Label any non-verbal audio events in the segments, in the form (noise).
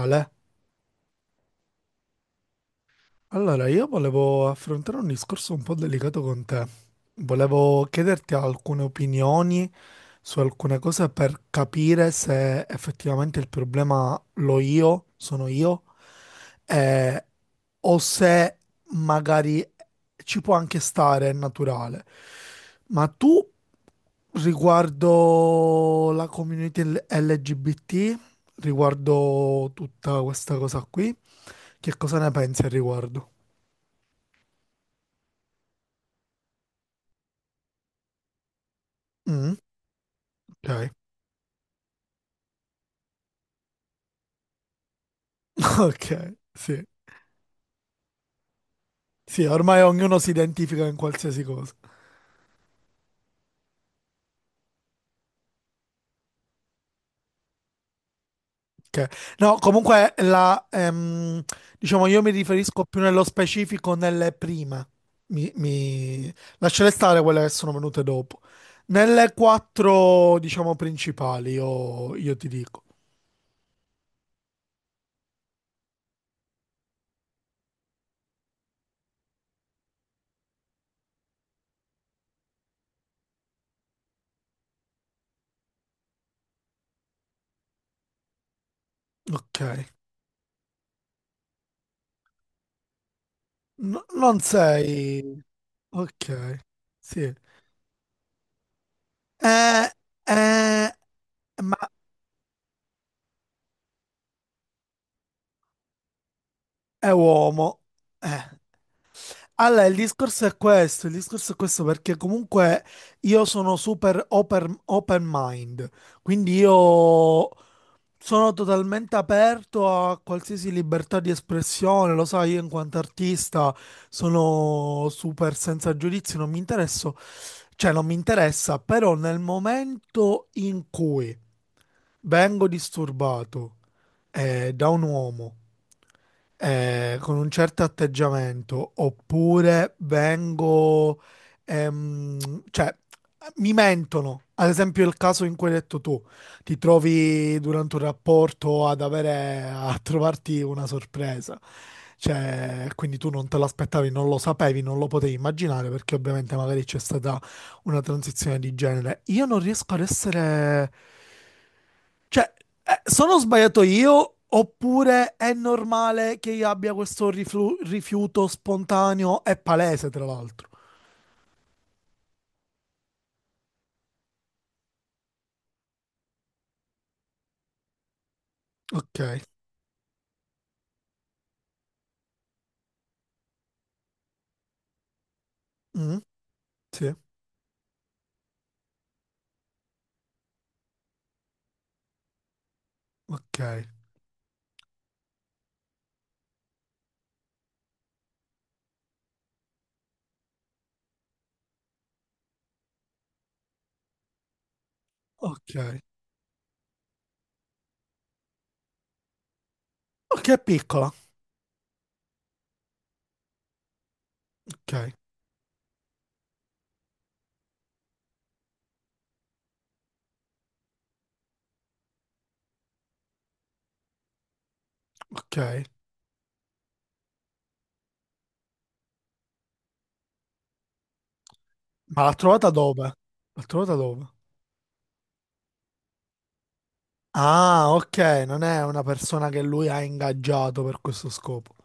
Ale, allora io volevo affrontare un discorso un po' delicato con te. Volevo chiederti alcune opinioni su alcune cose per capire se effettivamente il problema sono io, eh, o se magari ci può anche stare, è naturale. Ma tu riguardo la community LGBT, riguardo tutta questa cosa qui. Che cosa ne pensi al riguardo? Mm, ok, (laughs) ok, sì. Sì, ormai ognuno si identifica in qualsiasi cosa. Ok. No, comunque diciamo, io mi riferisco più nello specifico nelle prime. Mi, mi... Lascerei stare quelle che sono venute dopo. Nelle quattro, diciamo, principali, io ti dico. Ok. Non sei... Ok. Sì. Eh, eh, ma è uomo. Eh. Allora, il discorso è questo, il discorso è questo perché comunque io sono super open, open mind, quindi io sono totalmente aperto a qualsiasi libertà di espressione, lo sai, io in quanto artista sono super senza giudizi, non mi interesso, cioè non mi interessa, però nel momento in cui vengo disturbato da un uomo con un certo atteggiamento, oppure vengo, cioè mi mentono, ad esempio il caso in cui hai detto tu ti trovi durante un rapporto ad avere a trovarti una sorpresa. Cioè, quindi tu non te l'aspettavi, non lo sapevi, non lo potevi immaginare perché ovviamente magari c'è stata una transizione di genere. Io non riesco ad essere... Cioè, sono sbagliato io oppure è normale che io abbia questo rifiuto spontaneo e palese, tra l'altro? Ok. Mm, sì, ok. Ok. Ok, è piccola. Ok, ok. Ma l'ha trovata dove? L'ha trovata dove? Ah, ok, non è una persona che lui ha ingaggiato per questo scopo.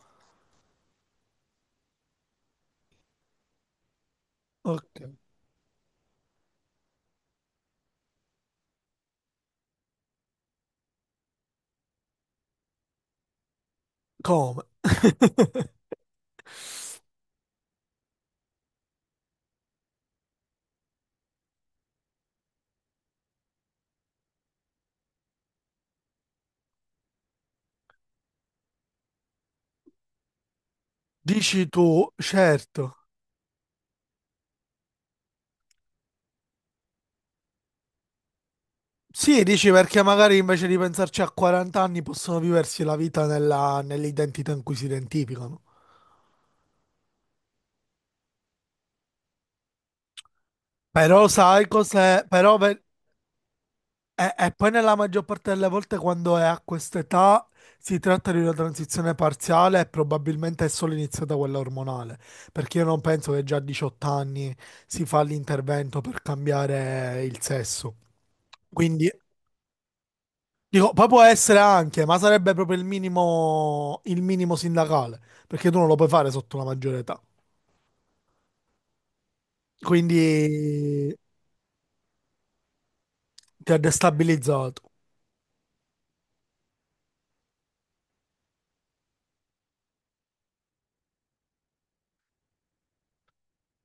Ok. Come? Dici tu, certo. Sì, dici perché magari invece di pensarci a 40 anni possono viversi la vita nell'identità in cui si identificano. Però sai cos'è? E poi nella maggior parte delle volte quando è a quest'età si tratta di una transizione parziale e probabilmente è solo iniziata quella ormonale, perché io non penso che già a 18 anni si fa l'intervento per cambiare il sesso. Quindi dico, poi può essere anche, ma sarebbe proprio il minimo sindacale, perché tu non lo puoi fare sotto la maggiore età. Quindi ti ha destabilizzato.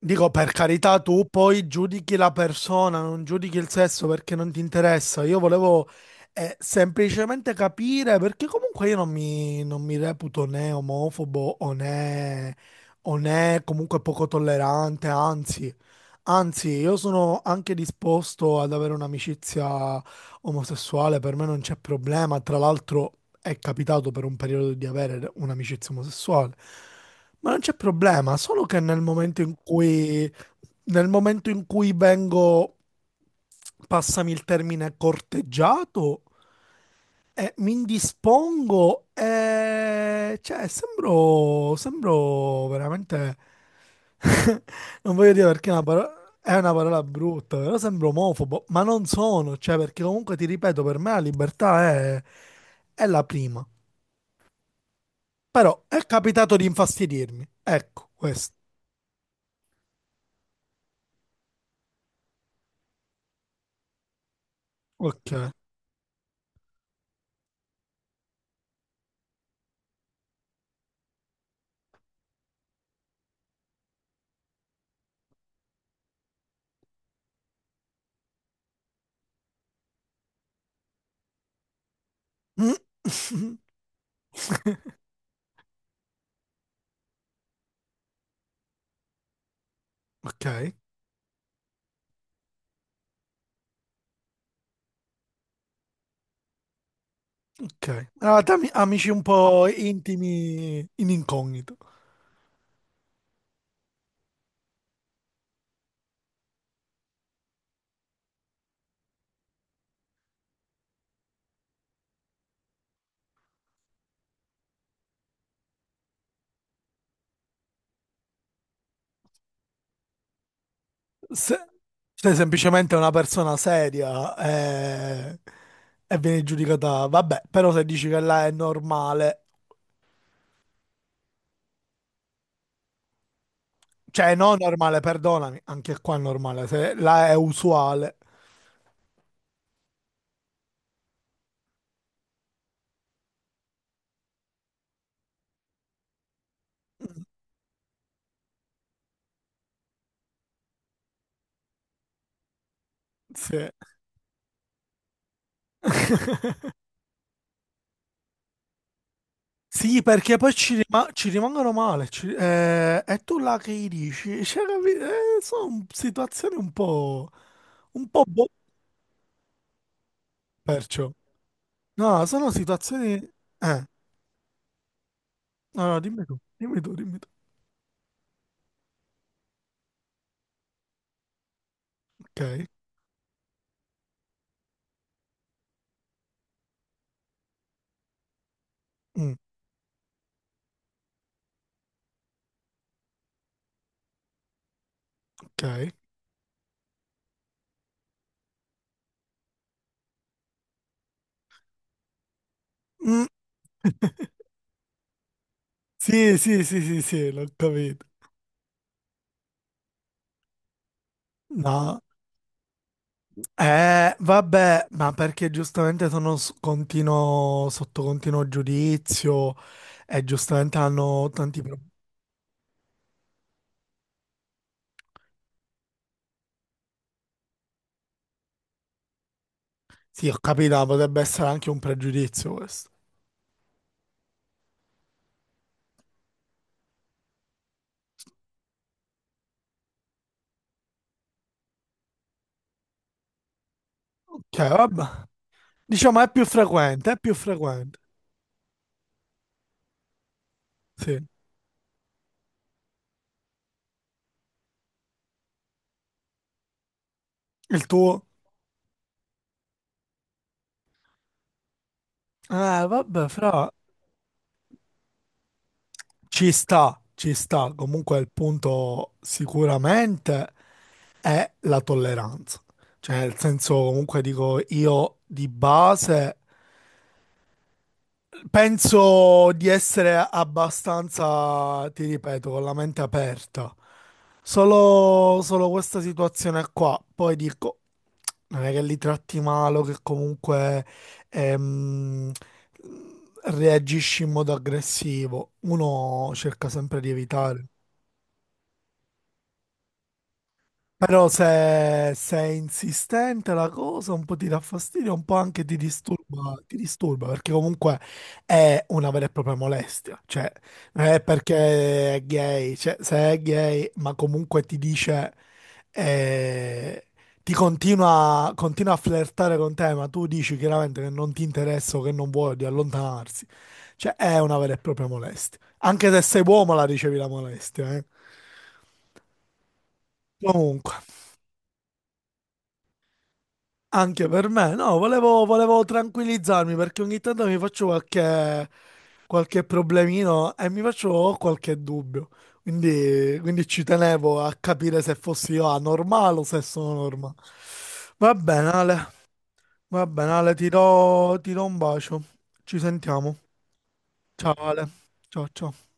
Dico, per carità, tu poi giudichi la persona, non giudichi il sesso perché non ti interessa. Io volevo semplicemente capire perché comunque io non mi reputo né omofobo o né comunque poco tollerante, anzi. Anzi, io sono anche disposto ad avere un'amicizia omosessuale, per me non c'è problema. Tra l'altro è capitato per un periodo di avere un'amicizia omosessuale. Ma non c'è problema, solo che nel momento in cui vengo, passami il termine, corteggiato, mi indispongo e... Cioè, sembro... Sembro veramente... (laughs) Non voglio dire perché è una parola... È una parola brutta, però sembro omofobo, ma non sono, cioè perché comunque ti ripeto, per me la libertà è la prima. Però è capitato di infastidirmi. Ecco, questo. Ok. Mm. (laughs) Ok, ok. Eravate amici un po' intimi in incognito. Se- Sei semplicemente una persona seria eh, e, vieni giudicata. Vabbè, però se dici che là è normale, cioè no normale, perdonami, anche qua è normale, se là è usuale. Sì, (laughs) Sì, perché poi ci rimangono male. E tu là che gli dici? Cioè, sono situazioni un po'. Un po' boh, perciò. No, sono situazioni. Eh, no, no, dimmi tu, dimmi tu, dimmi tu. Ok, mm, ok. Mm. Sì, sì, sì, sì, sì, l'ho capito. No, vabbè, ma perché giustamente sono sotto continuo giudizio e giustamente hanno tanti problemi. Sì, ho capito, ma potrebbe essere anche un pregiudizio questo. Ok, vabbè. Diciamo è più frequente, è più frequente. Sì. Il tuo? Vabbè, fra. Ci sta, ci sta. Comunque il punto sicuramente è la tolleranza. Cioè, nel senso, comunque dico, io di base penso di essere abbastanza, ti ripeto, con la mente aperta. Solo questa situazione qua. Poi dico, non è che li tratti male, o che comunque ehm, reagisci in modo aggressivo. Uno cerca sempre di evitare. Però se è insistente la cosa, un po' ti dà fastidio, un po' anche ti disturba, perché comunque è una vera e propria molestia. Cioè, non è perché è gay, cioè, se è gay, ma comunque ti dice, eh, continua a flirtare con te, ma tu dici chiaramente che non ti interessa o che non vuoi di allontanarsi. Cioè, è una vera e propria molestia. Anche se sei uomo la ricevi la molestia, eh. Comunque. Anche per me, no, volevo tranquillizzarmi perché ogni tanto mi faccio qualche problemino e mi faccio qualche dubbio. Quindi ci tenevo a capire se fossi io anormale o se sono normale. Va bene, Ale, va bene, Ale, ti do un bacio. Ci sentiamo. Ciao, Ale. Ciao, ciao.